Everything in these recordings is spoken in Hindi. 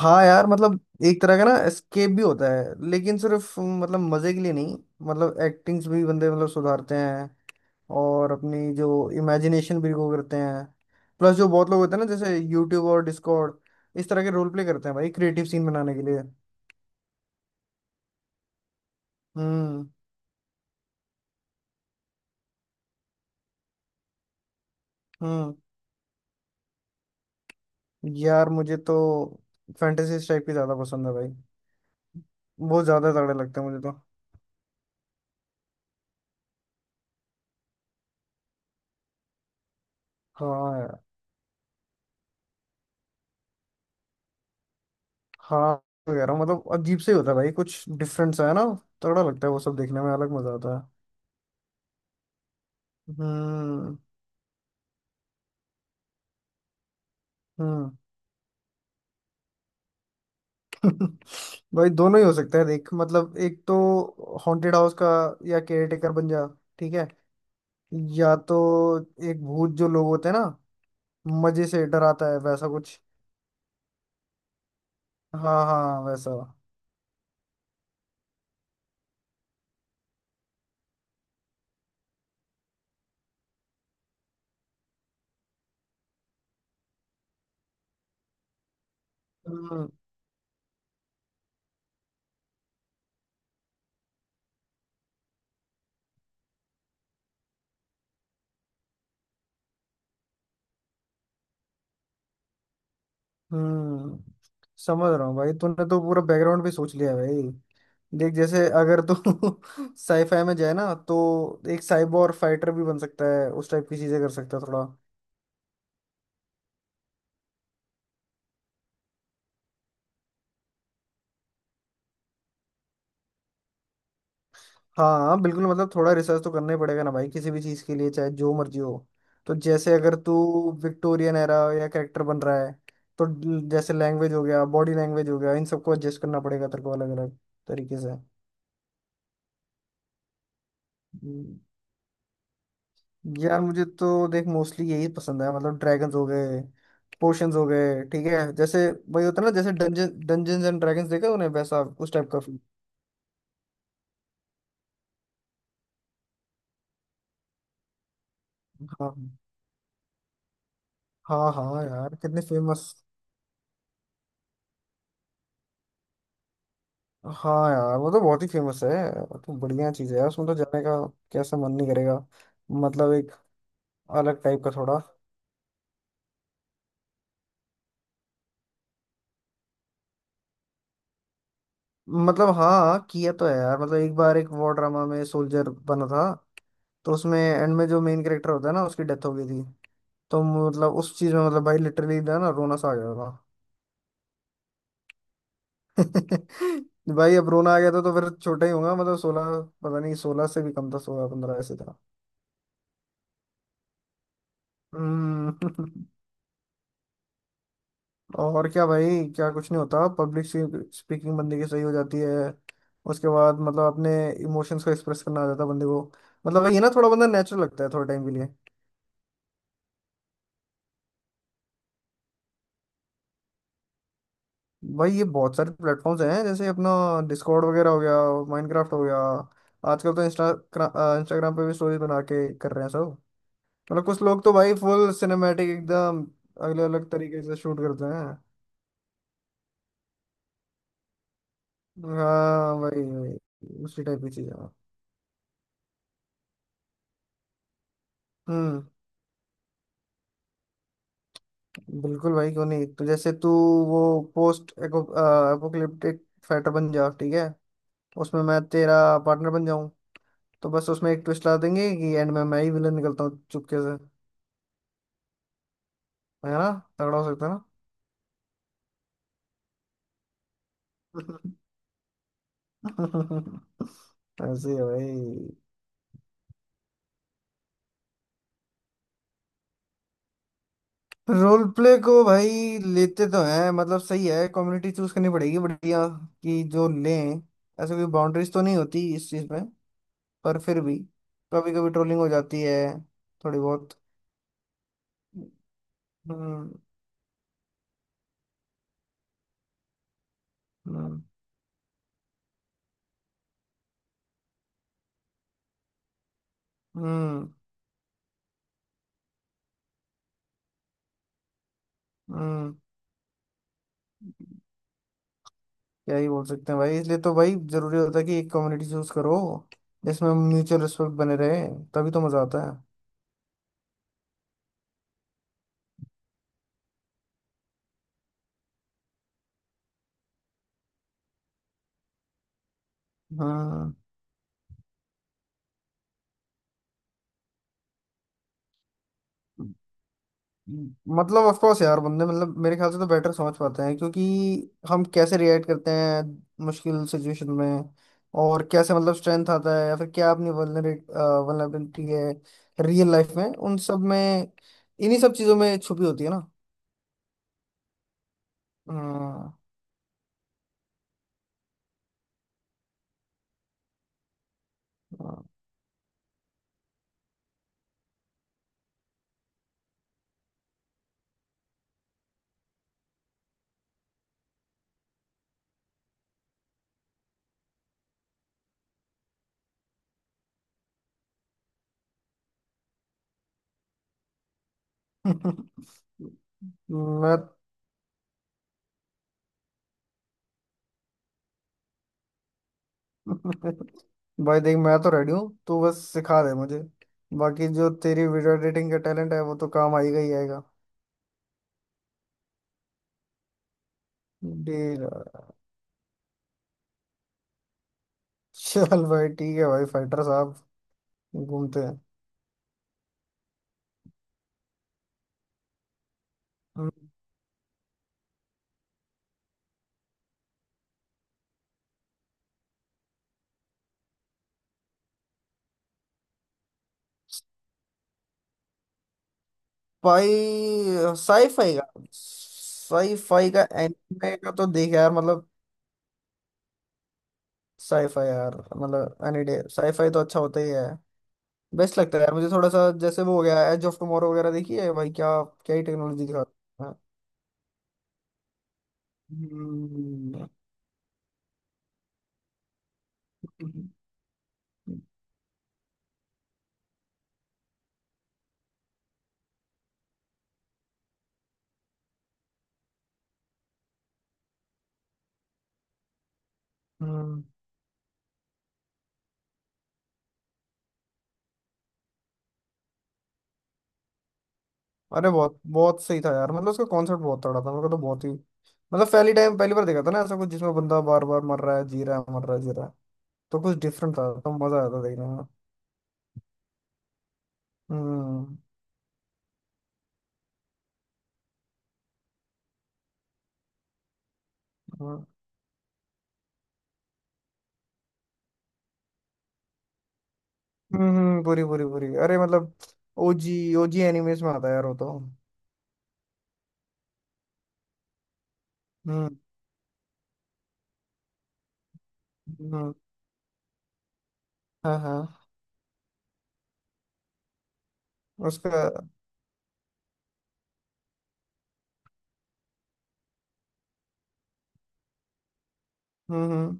हाँ यार मतलब एक तरह का ना एस्केप भी होता है लेकिन सिर्फ मतलब मजे के लिए नहीं। मतलब एक्टिंग्स भी बंदे मतलब सुधारते हैं और अपनी जो इमेजिनेशन भी वो करते हैं। प्लस जो बहुत लोग होते हैं ना जैसे यूट्यूब और डिस्कॉर्ड इस तरह के रोल प्ले करते हैं भाई क्रिएटिव सीन बनाने के लिए। हम्म। हम्म। यार मुझे तो फैंटेसी टाइप की ज्यादा पसंद है भाई। बहुत ज्यादा तगड़े लगते हैं मुझे तो। हाँ यार। हाँ। तो कह रहा हूँ मतलब अजीब से ही होता है भाई कुछ डिफरेंस है ना। तगड़ा लगता है वो सब देखने में अलग मजा आता है। हम्म। हम्म। भाई दोनों ही हो सकता है देख मतलब एक तो हॉन्टेड हाउस का या केयरटेकर बन जा ठीक है। या तो एक भूत जो लोग होते हैं ना मजे से डराता है वैसा कुछ। हाँ हाँ वैसा। हम्म। हम्म। समझ रहा हूँ भाई तूने तो पूरा बैकग्राउंड भी सोच लिया है भाई। देख जैसे अगर तो साईफाई में जाए ना तो एक साइबोर फाइटर भी बन सकता है उस टाइप की चीजें कर सकता है थोड़ा। हाँ बिल्कुल मतलब थोड़ा रिसर्च तो करना ही पड़ेगा ना भाई किसी भी चीज़ के लिए चाहे जो मर्जी हो। तो जैसे अगर तू विक्टोरियन एरा या कैरेक्टर बन रहा है तो जैसे लैंग्वेज हो गया बॉडी लैंग्वेज हो गया इन सबको एडजस्ट करना पड़ेगा तेरे को अलग अलग तरीके से। हम्म। यार मुझे तो देख मोस्टली यही पसंद है मतलब ड्रैगन्स हो गए पोशंस हो गए ठीक है जैसे वही होता है ना जैसे डंजन्स एंड ड्रैगन्स देखा उन्हें वैसा उस टाइप का feel। हाँ हाँ हाँ यार कितने फेमस। हाँ यार वो तो बहुत ही फेमस है। वो तो बढ़िया चीज है यार उसमें तो जाने का कैसा मन नहीं करेगा। मतलब एक अलग टाइप का थोड़ा। मतलब हाँ किया तो है यार मतलब एक बार एक वॉर ड्रामा में सोल्जर बना था तो उसमें एंड में जो मेन कैरेक्टर होता है ना उसकी डेथ हो गई थी। तो मतलब उस चीज में मतलब भाई लिटरली ना ना रोना सा आ गया था। भाई अब रोना आ गया था तो फिर छोटा ही होगा मतलब 16 पता नहीं 16 से भी कम था 16 15 ऐसे था। हम्म। और क्या भाई क्या कुछ नहीं होता पब्लिक स्पीकिंग बंदे की सही हो जाती है। उसके बाद मतलब अपने इमोशंस को एक्सप्रेस करना आ जाता है बंदे को। मतलब ये ना थोड़ा बंदा नेचुरल लगता है थोड़े टाइम के लिए। भाई ये बहुत सारे प्लेटफॉर्म्स हैं जैसे अपना डिस्कॉर्ड वगैरह हो गया माइनक्राफ्ट हो गया। आजकल तो इंस्टाग्राम पे भी स्टोरीज बना के कर रहे हैं सब। मतलब कुछ लोग तो भाई फुल सिनेमैटिक एकदम अलग अलग तरीके से शूट करते हैं। हाँ भाई भाई, उसी टाइप की चीज़ है। हम्म। बिल्कुल भाई क्यों नहीं तो जैसे तू वो पोस्ट एपोकलिप्टिक फाइटर बन जा ठीक है। उसमें मैं तेरा पार्टनर बन जाऊं। तो बस उसमें एक ट्विस्ट ला देंगे कि एंड में मैं ही विलन निकलता हूँ चुपके से है ना। तगड़ा हो सकता है ना। ऐसे ही है भाई। रोल प्ले को भाई लेते तो हैं मतलब सही है कम्युनिटी चूज करनी पड़ेगी बढ़िया कि जो लें। ऐसे कोई बाउंड्रीज तो नहीं होती इस चीज में। पर फिर भी कभी कभी ट्रोलिंग हो जाती है थोड़ी बहुत। हम्म। हम्म। हम्म। हम्म। क्या ही बोल सकते हैं भाई इसलिए तो भाई जरूरी होता है कि एक कम्युनिटी चूज करो जिसमें म्यूचुअल रिस्पेक्ट बने रहे तभी तो मजा आता है। हाँ। मतलब ऑफ कोर्स यार बंदे मतलब मेरे ख्याल से तो बेटर समझ पाते हैं क्योंकि हम कैसे रिएक्ट करते हैं मुश्किल सिचुएशन में और कैसे मतलब स्ट्रेंथ आता है या फिर क्या अपनी वल्नरेट वल्नरेबिलिटी है रियल लाइफ में उन सब में इन्हीं सब चीजों में छुपी होती है ना। हाँ हाँ। मैं भाई देख मैं तो रेडी हूँ तू बस सिखा दे मुझे। बाकी जो तेरी वीडियो एडिटिंग का टैलेंट है वो तो काम आएगा ही आएगा। डील है। चल भाई ठीक है भाई फाइटर साहब घूमते हैं। हम्म। भाई साईफाई का साईफाई का एनिमे का तो देख यार मतलब। साईफाई यार मतलब एनी डे साईफाई तो अच्छा होता ही है। बेस्ट लगता है यार मुझे थोड़ा सा जैसे वो हो गया एज ऑफ टुमारो वगैरह देखी है भाई क्या क्या ही टेक्नोलॉजी दिखा। हम्म। हम्म। अरे बहुत बहुत सही था यार मतलब उसका कॉन्सेप्ट बहुत तगड़ा था मेरे को तो बहुत ही मतलब पहली बार देखा था ना ऐसा कुछ जिसमें बंदा बार बार मर रहा है जी रहा है मर रहा है जी रहा है। तो कुछ डिफरेंट था तो मजा आया था देखने में। हम्म। हम्म। हम्म। पूरी पूरी पूरी अरे मतलब ओजी ओजी एनिमेस में आता है यार वो तो। हम्म। हम्म। हाँ हाँ उसका। हम्म। हम्म।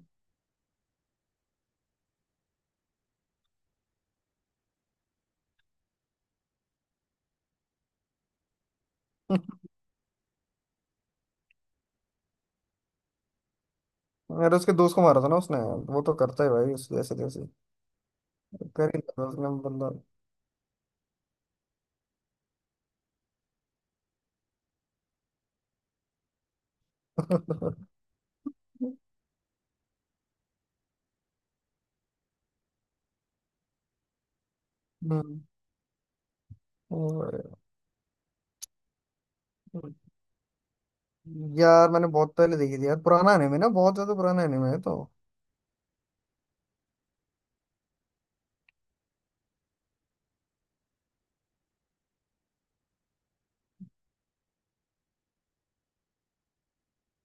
अरे उसके दोस्त को मारा था ना उसने। वो तो करता है भाई उस जैसे तैसे कर ही लेता है उसने बंदा। हम्म। और- यार मैंने बहुत पहले देखी थी यार पुराना एनिमे ना बहुत ज्यादा पुराना एनिमे है तो।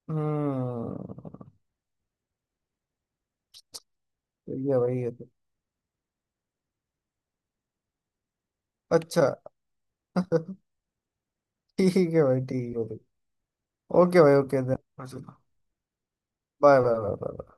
हम्म। सही है भाई ये तो। अच्छा। ठीक है भाई ठीक है भाई। ओके भाई okay bye bye bye bye.